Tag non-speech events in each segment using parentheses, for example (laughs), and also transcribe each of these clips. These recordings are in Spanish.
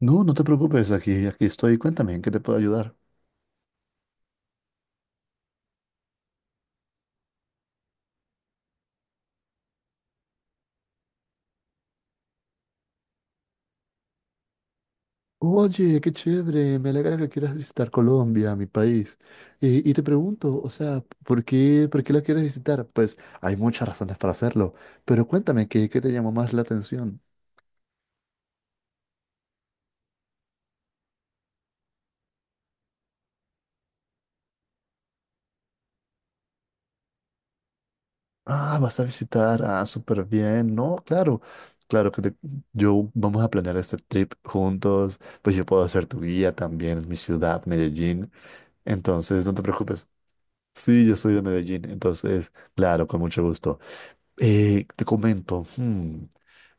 No, no te preocupes, aquí estoy. Cuéntame, ¿en qué te puedo ayudar? Oye, qué chévere, me alegra que quieras visitar Colombia, mi país. Y te pregunto, o sea, ¿por qué la quieres visitar? Pues hay muchas razones para hacerlo, pero cuéntame, ¿qué te llamó más la atención? Ah, vas a visitar, ah, súper bien, ¿no? Claro, claro que te- yo vamos a planear este trip juntos, pues yo puedo ser tu guía también en mi ciudad, Medellín. Entonces, no te preocupes. Sí, yo soy de Medellín, entonces, claro, con mucho gusto. Te comento,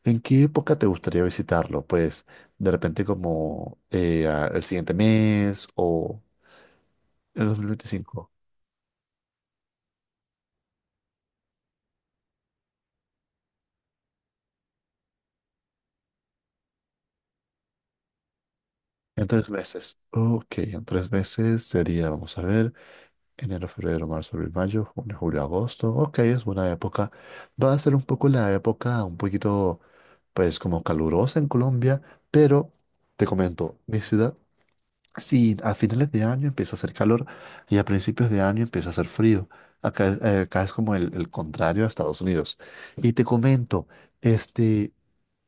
¿en qué época te gustaría visitarlo? Pues de repente como el siguiente mes o el 2025. En tres meses. Ok, en 3 meses sería, vamos a ver, enero, febrero, marzo, abril, mayo, junio, julio, agosto. Ok, es buena época. Va a ser un poco la época un poquito, pues como calurosa en Colombia, pero te comento, mi ciudad. Sí, a finales de año empieza a hacer calor y a principios de año empieza a hacer frío. Acá, acá es como el contrario a Estados Unidos. Y te comento, este,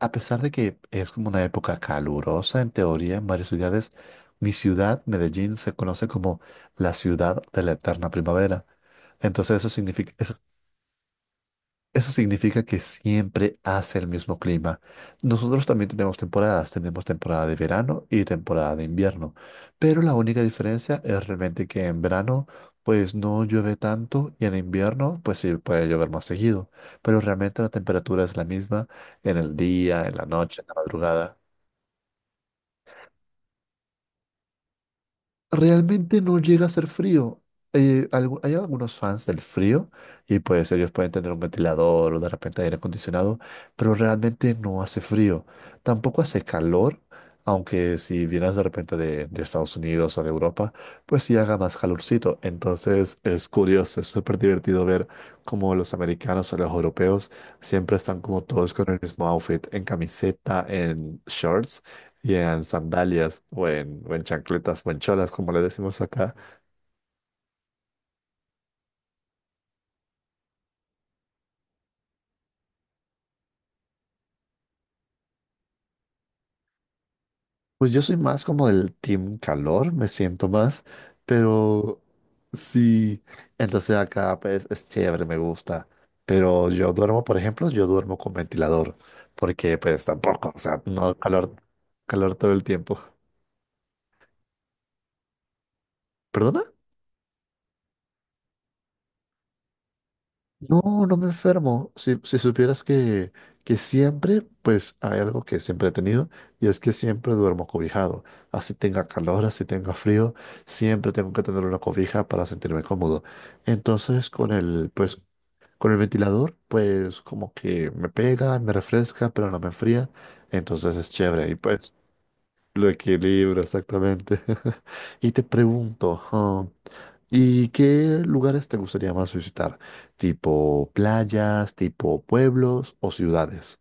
a pesar de que es como una época calurosa en teoría en varias ciudades, mi ciudad, Medellín, se conoce como la ciudad de la eterna primavera. Entonces eso significa que siempre hace el mismo clima. Nosotros también tenemos temporadas, tenemos temporada de verano y temporada de invierno, pero la única diferencia es realmente que en verano pues no llueve tanto y en invierno pues sí puede llover más seguido, pero realmente la temperatura es la misma en el día, en la noche, en la madrugada. Realmente no llega a ser frío. Hay algunos fans del frío y pues ellos pueden tener un ventilador o de repente aire acondicionado, pero realmente no hace frío. Tampoco hace calor, aunque si vienes de repente de Estados Unidos o de Europa, pues sí haga más calorcito. Entonces es curioso, es súper divertido ver cómo los americanos o los europeos siempre están como todos con el mismo outfit, en camiseta, en shorts y en sandalias o en chancletas o en cholas, como le decimos acá. Pues yo soy más como del team calor, me siento más, pero sí, entonces acá pues es chévere, me gusta. Pero yo duermo, por ejemplo, yo duermo con ventilador, porque pues tampoco, o sea, no calor, calor todo el tiempo. ¿Perdona? No, no me enfermo. Si supieras que, pues hay algo que siempre he tenido y es que siempre duermo cobijado. Así tenga calor, así tenga frío, siempre tengo que tener una cobija para sentirme cómodo. Entonces pues, con el ventilador, pues como que me pega, me refresca, pero no me enfría. Entonces es chévere. Y pues lo equilibra, exactamente. (laughs) Y te pregunto, ah, ¿y qué lugares te gustaría más visitar? ¿Tipo playas, tipo pueblos o ciudades?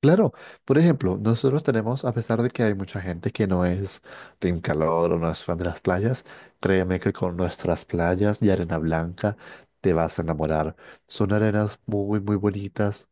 Claro, por ejemplo, nosotros tenemos, a pesar de que hay mucha gente que no es team calor o no es fan de las playas, créeme que con nuestras playas y arena blanca te vas a enamorar. Son arenas muy, muy bonitas.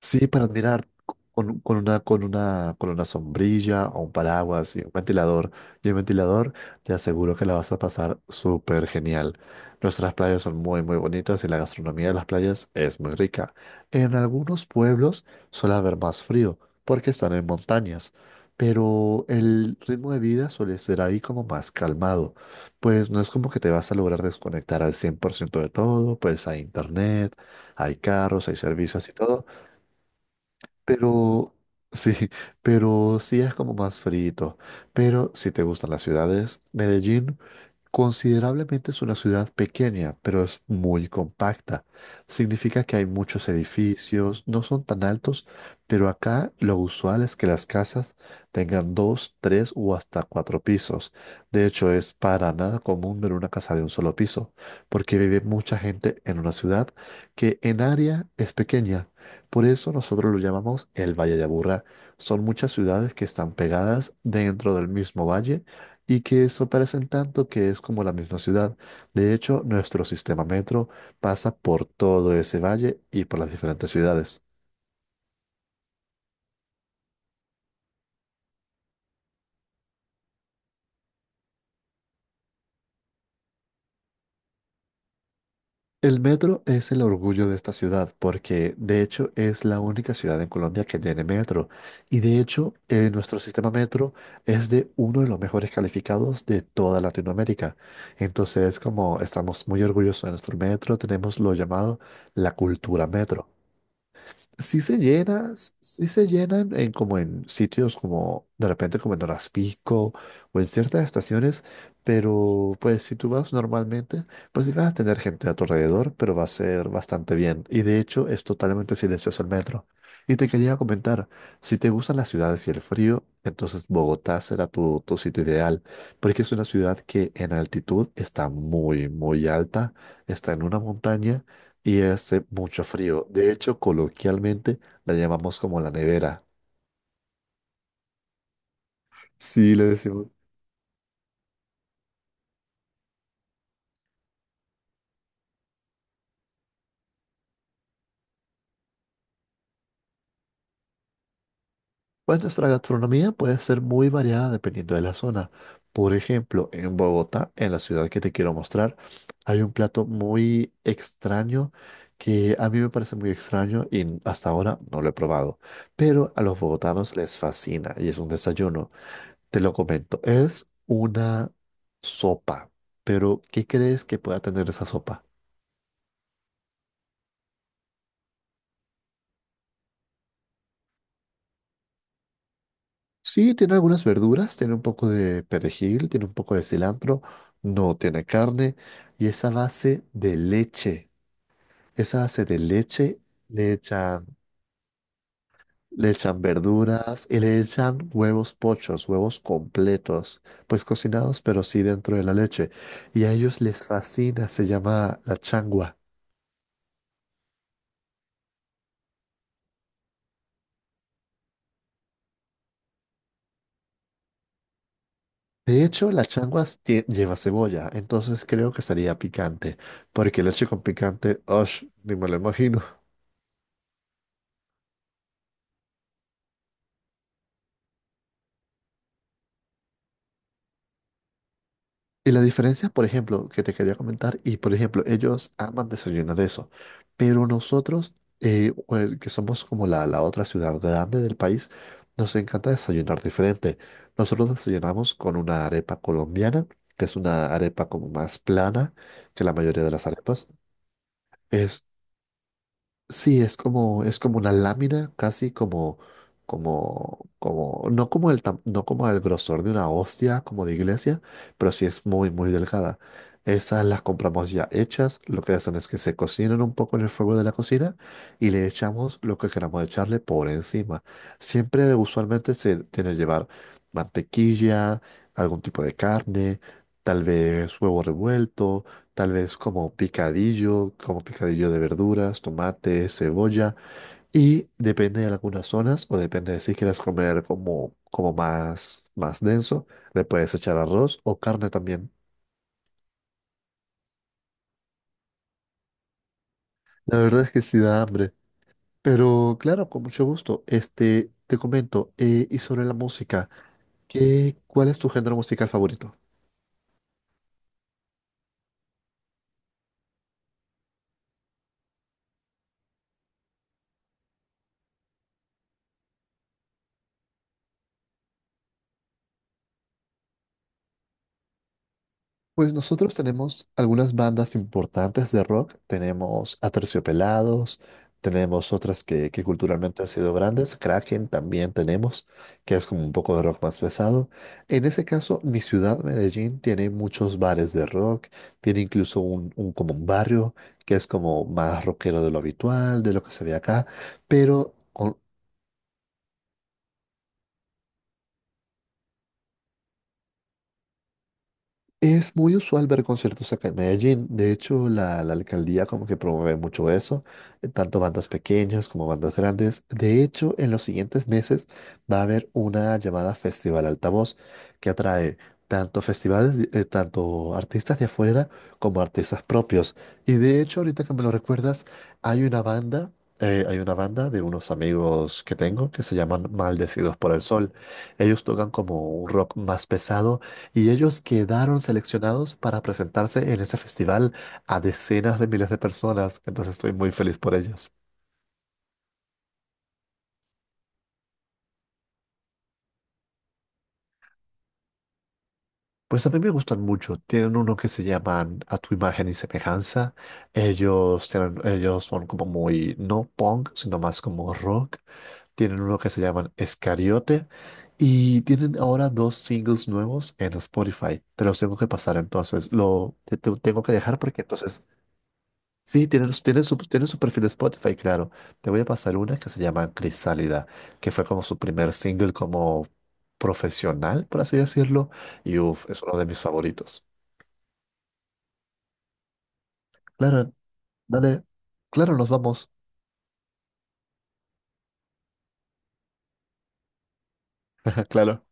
Sí, para admirar con una sombrilla o un paraguas y un ventilador. Y el ventilador, te aseguro que la vas a pasar súper genial. Nuestras playas son muy, muy bonitas y la gastronomía de las playas es muy rica. En algunos pueblos suele haber más frío porque están en montañas, pero el ritmo de vida suele ser ahí como más calmado. Pues no es como que te vas a lograr desconectar al 100% de todo, pues hay internet, hay carros, hay servicios y todo, pero sí, (laughs) pero sí es como más frito. Pero si te gustan las ciudades, Medellín. Considerablemente es una ciudad pequeña, pero es muy compacta. Significa que hay muchos edificios, no son tan altos, pero acá lo usual es que las casas tengan dos, tres o hasta cuatro pisos. De hecho, es para nada común ver una casa de un solo piso, porque vive mucha gente en una ciudad que en área es pequeña. Por eso nosotros lo llamamos el Valle de Aburrá. Son muchas ciudades que están pegadas dentro del mismo valle y que eso parecen tanto que es como la misma ciudad. De hecho, nuestro sistema metro pasa por todo ese valle y por las diferentes ciudades. El metro es el orgullo de esta ciudad porque de hecho es la única ciudad en Colombia que tiene metro y de hecho nuestro sistema metro es de uno de los mejores calificados de toda Latinoamérica. Entonces como estamos muy orgullosos de nuestro metro, tenemos lo llamado la cultura metro. Sí se llena, sí se llena en como en sitios como de repente como en Horas Pico o en ciertas estaciones, pero pues si tú vas normalmente, pues sí vas a tener gente a tu alrededor, pero va a ser bastante bien. Y de hecho es totalmente silencioso el metro. Y te quería comentar, si te gustan las ciudades y el frío, entonces Bogotá será tu sitio ideal, porque es una ciudad que en altitud está muy, muy alta, está en una montaña y hace mucho frío. De hecho, coloquialmente la llamamos como la nevera. Sí, le decimos. Pues nuestra gastronomía puede ser muy variada dependiendo de la zona. Por ejemplo, en Bogotá, en la ciudad que te quiero mostrar, hay un plato muy extraño que a mí me parece muy extraño y hasta ahora no lo he probado. Pero a los bogotanos les fascina y es un desayuno. Te lo comento, es una sopa. Pero, ¿qué crees que pueda tener esa sopa? Sí, tiene algunas verduras, tiene un poco de perejil, tiene un poco de cilantro, no tiene carne y esa base de leche. Esa base de leche le echan, le echan verduras y le echan huevos pochos, huevos completos, pues cocinados pero sí dentro de la leche. Y a ellos les fascina, se llama la changua. De hecho, la changua lleva cebolla, entonces creo que sería picante, porque leche con picante, ¡osh! Ni me lo imagino. Y la diferencia, por ejemplo, que te quería comentar, y por ejemplo, ellos aman desayunar eso, pero nosotros, o el que somos como la otra ciudad grande del país, nos encanta desayunar diferente. Nosotros desayunamos con una arepa colombiana, que es una arepa como más plana que la mayoría de las arepas. Es Sí, es como una lámina, casi no como el grosor de una hostia, como de iglesia, pero sí es muy, muy delgada. Esas las compramos ya hechas, lo que hacen es que se cocinan un poco en el fuego de la cocina y le echamos lo que queramos echarle por encima. Siempre, usualmente, se tiene que llevar mantequilla, algún tipo de carne, tal vez huevo revuelto, tal vez como picadillo de verduras, tomate, cebolla, y depende de algunas zonas o depende de si quieres comer como más, denso, le puedes echar arroz o carne también. La verdad es que sí da hambre, pero claro, con mucho gusto. Este, te comento, y sobre la música, ¿qué, cuál es tu género musical favorito? Pues nosotros tenemos algunas bandas importantes de rock. Tenemos Aterciopelados, tenemos otras que culturalmente han sido grandes. Kraken también tenemos, que es como un poco de rock más pesado. En ese caso, mi ciudad, Medellín, tiene muchos bares de rock. Tiene incluso como un barrio que es como más rockero de lo habitual, de lo que se ve acá. Pero... con- Es muy usual ver conciertos acá en Medellín. De hecho, la alcaldía como que promueve mucho eso, tanto bandas pequeñas como bandas grandes. De hecho, en los siguientes meses va a haber una llamada Festival Altavoz que atrae tanto festivales, tanto artistas de afuera como artistas propios. Y de hecho, ahorita que me lo recuerdas, hay una banda, de unos amigos que tengo que se llaman Maldecidos por el Sol. Ellos tocan como un rock más pesado y ellos quedaron seleccionados para presentarse en ese festival a decenas de miles de personas, entonces estoy muy feliz por ellos. Pues a mí me gustan mucho. Tienen uno que se llaman A tu imagen y semejanza. Ellos, ellos son como muy, no punk, sino más como rock. Tienen uno que se llaman Escariote. Y tienen ahora dos singles nuevos en Spotify. Te los tengo que pasar entonces. Tengo que dejar porque entonces. Sí, tienen su perfil de Spotify, claro. Te voy a pasar una que se llama Crisálida, que fue como su primer single como profesional, por así decirlo. Y uff, es uno de mis favoritos. Claro, dale. Claro, nos vamos. (laughs) Claro.